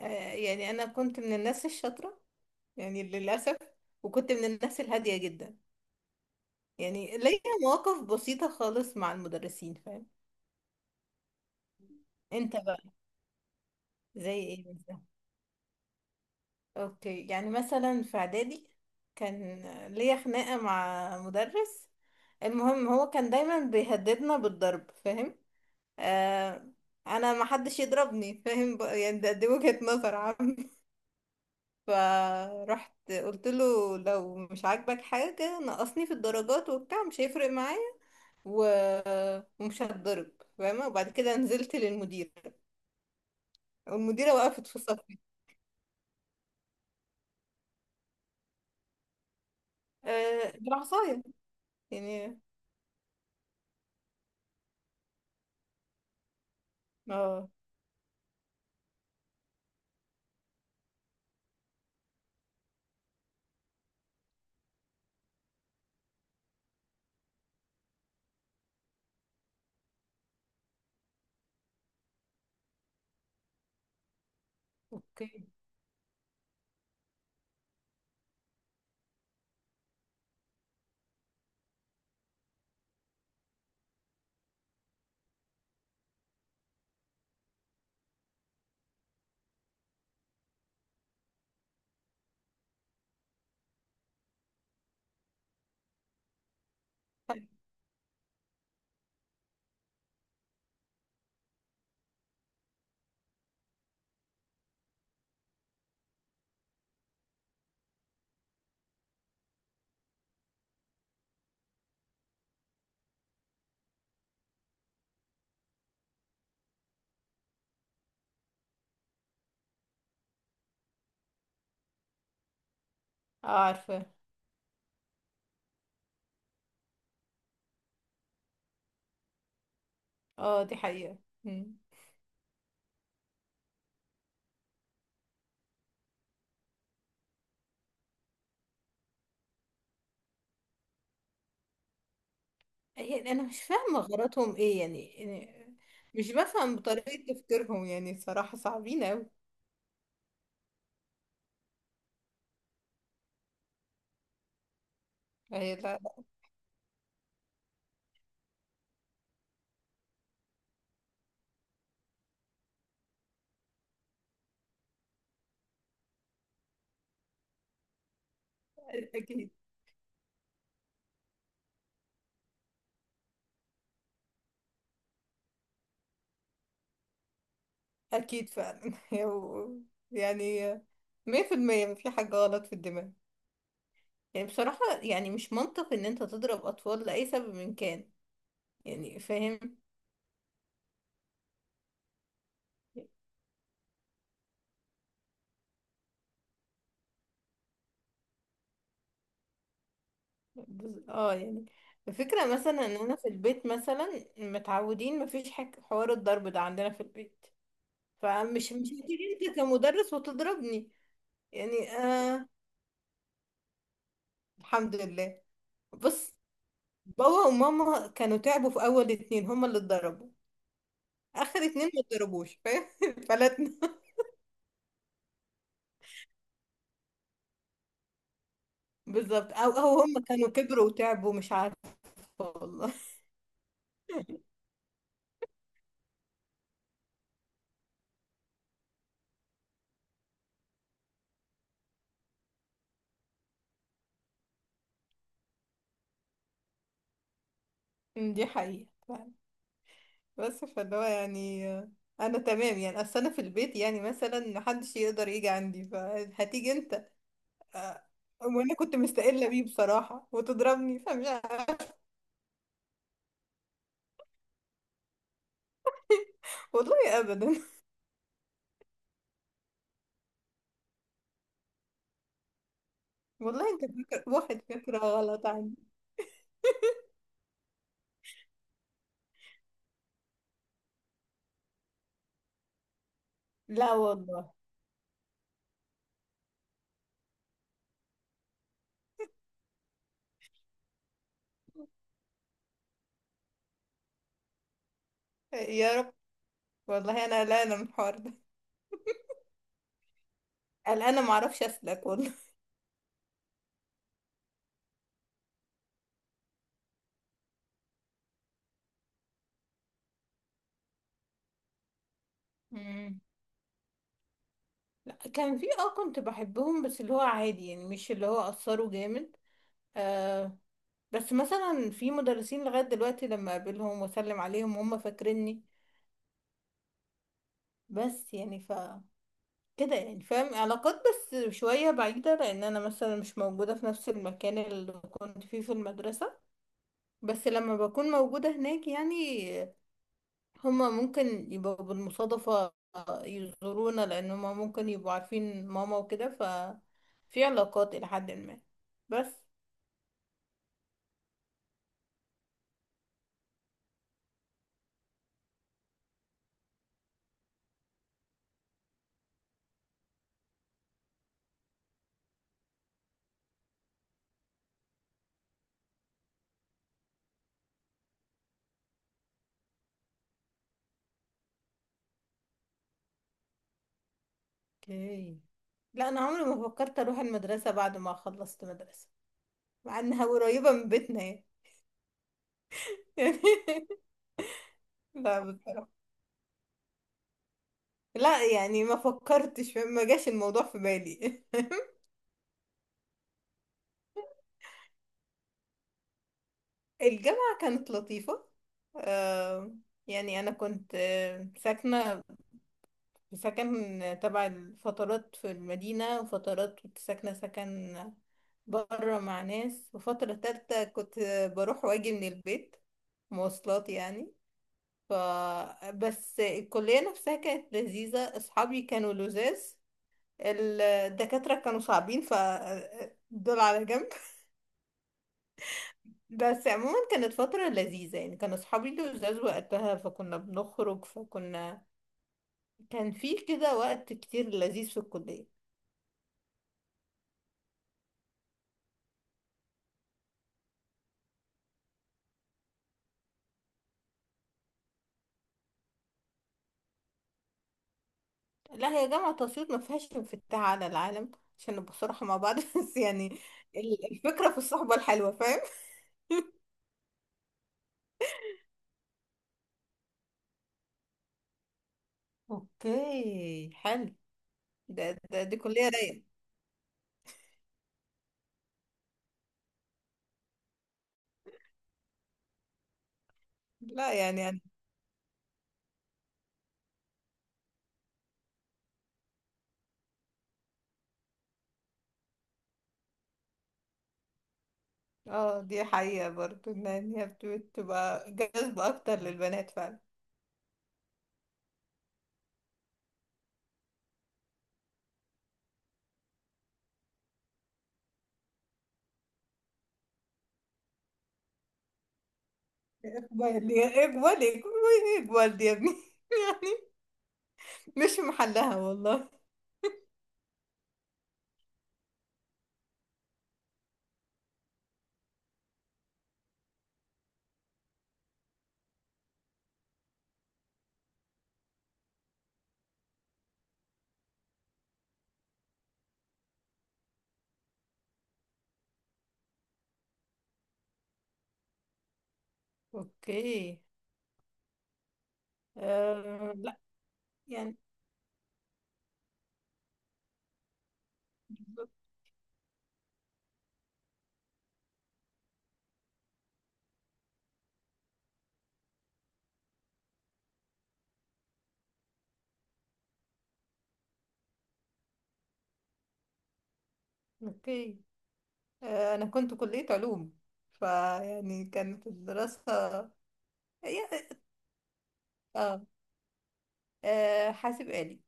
آه، يعني انا كنت من الناس الشاطره، يعني للاسف. وكنت من الناس الهاديه جدا، يعني ليا مواقف بسيطه خالص مع المدرسين فاهم. انت بقى، زي ايه مثلا؟ اوكي، يعني مثلا في اعدادي كان ليا خناقه مع مدرس. المهم هو كان دايما بيهددنا بالضرب فاهم. آه. انا ما حدش يضربني فاهم بقى، يعني دي وجهه نظر عامه. فرحت قلت له لو مش عاجبك حاجة نقصني في الدرجات وبتاع مش هيفرق معايا و... ومش هتضرب فاهمة. وبعد كده نزلت للمديرة والمديرة وقفت في صفي. آه، بالعصاية يعني. اه. اوكي، اه عارفة. اه دي حقيقة. مم. يعني انا مش فاهمة غلطهم ايه يعني. مش بفهم بطريقة تفكيرهم، يعني صراحة صعبين اوي. هي لا لا. اكيد. أكيد فعلا و- يعني 100% مفي حاجة غلط في الدماغ. يعني بصراحة، يعني مش منطق إن أنت تضرب أطفال لأي سبب من كان، يعني فاهم. اه، يعني الفكرة مثلا إن أنا في البيت، مثلا متعودين مفيش حاجة، حوار الضرب ده عندنا في البيت. فمش مش هتيجي أنت كمدرس وتضربني، يعني آه. الحمد لله. بص، بابا وماما كانوا تعبوا في أول اتنين، هما اللي اتضربوا. آخر اتنين ما اتضربوش فاهم فلتنا. بالظبط. او هم كانوا كبروا وتعبوا، مش عارفة. والله. دي حقيقة فعلا. بس فاللي هو يعني انا تمام، يعني اصل انا في البيت يعني مثلا محدش يقدر يجي عندي، فهتيجي انت آه، وانا كنت مستقلة بيه بصراحة وتضربني، فمش عارفة. والله ابدا. والله انت فاكر واحد فكرة غلط عندي. لا والله. يا رب. والله انا قلقانة من الحوار ده. قلقانة معرفش اسلك والله. مم. لا، كان في كنت بحبهم بس اللي هو عادي، يعني مش اللي هو اثروا جامد. آه بس مثلا في مدرسين لغاية دلوقتي لما اقابلهم واسلم عليهم هم فاكريني. بس يعني كده يعني، فاهم علاقات بس شوية بعيدة، لأن أنا مثلا مش موجودة في نفس المكان اللي كنت فيه في المدرسة. بس لما بكون موجودة هناك يعني، هما ممكن يبقوا بالمصادفة يزورونا، لأن هما ممكن يبقوا عارفين ماما وكده في علاقات إلى حد ما بس. اوكي. لا، أنا عمري ما فكرت أروح المدرسة بعد ما خلصت مدرسة، مع إنها قريبة من بيتنا يعني. يعني لا بصراحة، لا يعني ما فكرتش، ما جاش الموضوع في بالي. الجامعة كانت لطيفة. آه، يعني أنا كنت ساكنة سكن تبع الفترات في المدينة، وفترات كنت ساكنة سكن برا مع ناس، وفترة تالتة كنت بروح واجي من البيت، مواصلات يعني. ف بس الكلية نفسها كانت لذيذة، أصحابي كانوا لذاذ. الدكاترة كانوا صعبين، دول على جنب. بس عموما كانت فترة لذيذة، يعني كان أصحابي لذاذ وقتها فكنا بنخرج كان في كده وقت كتير لذيذ في الكلية. لا، هي جامعة أسيوط ما فيهاش انفتاح على العالم، عشان نبقى صراحة مع بعض بس يعني الفكرة في الصحبة الحلوة فاهم. اوكي حلو. ده, ده دي كلية رايقة. لا يعني اه، دي حقيقة برضو ان هي بتبقى جذبة اكتر للبنات فعلا. اقبل يا اقبل اقبل، اقبل دي يا ابني مش محلها والله. اوكي. آه لا يعني، بالظبط. اوكي. انا كنت كلية علوم، فيعني كانت الدراسة. يا- اه. حاسب آلي،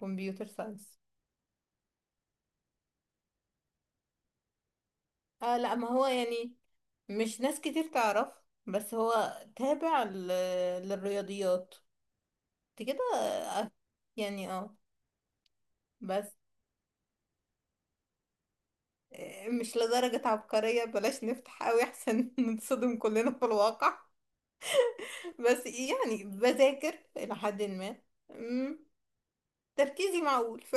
كمبيوتر ساينس. اه لا، ما هو يعني مش ناس كتير تعرف، بس هو تابع للرياضيات انت كده. يعني اه بس مش لدرجة عبقرية، بلاش نفتح قوي احسن نتصدم كلنا في الواقع. بس يعني بذاكر إلى حد ما. مم، تركيزي معقول،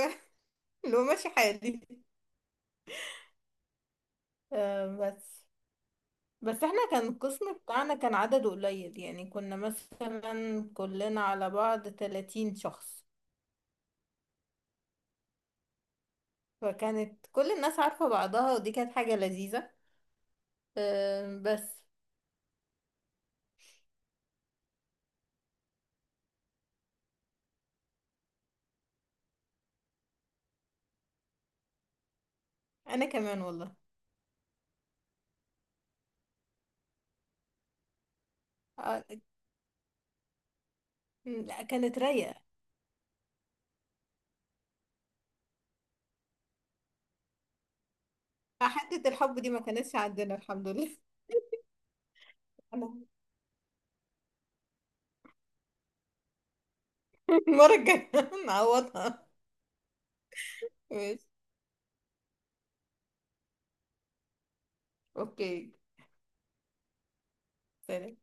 لو ماشي حالي. بس، بس احنا كان القسم بتاعنا كان عدده قليل، يعني كنا مثلا كلنا على بعض 30 شخص. فكانت كل الناس عارفة بعضها، ودي كانت حاجة لذيذة. بس انا كمان والله. آه لا، كانت رايقة. حتة الحب دي ما كانتش عندنا الحمد لله. انا، المرة الجاية نعوضها. ماشي. اوكي. سلام.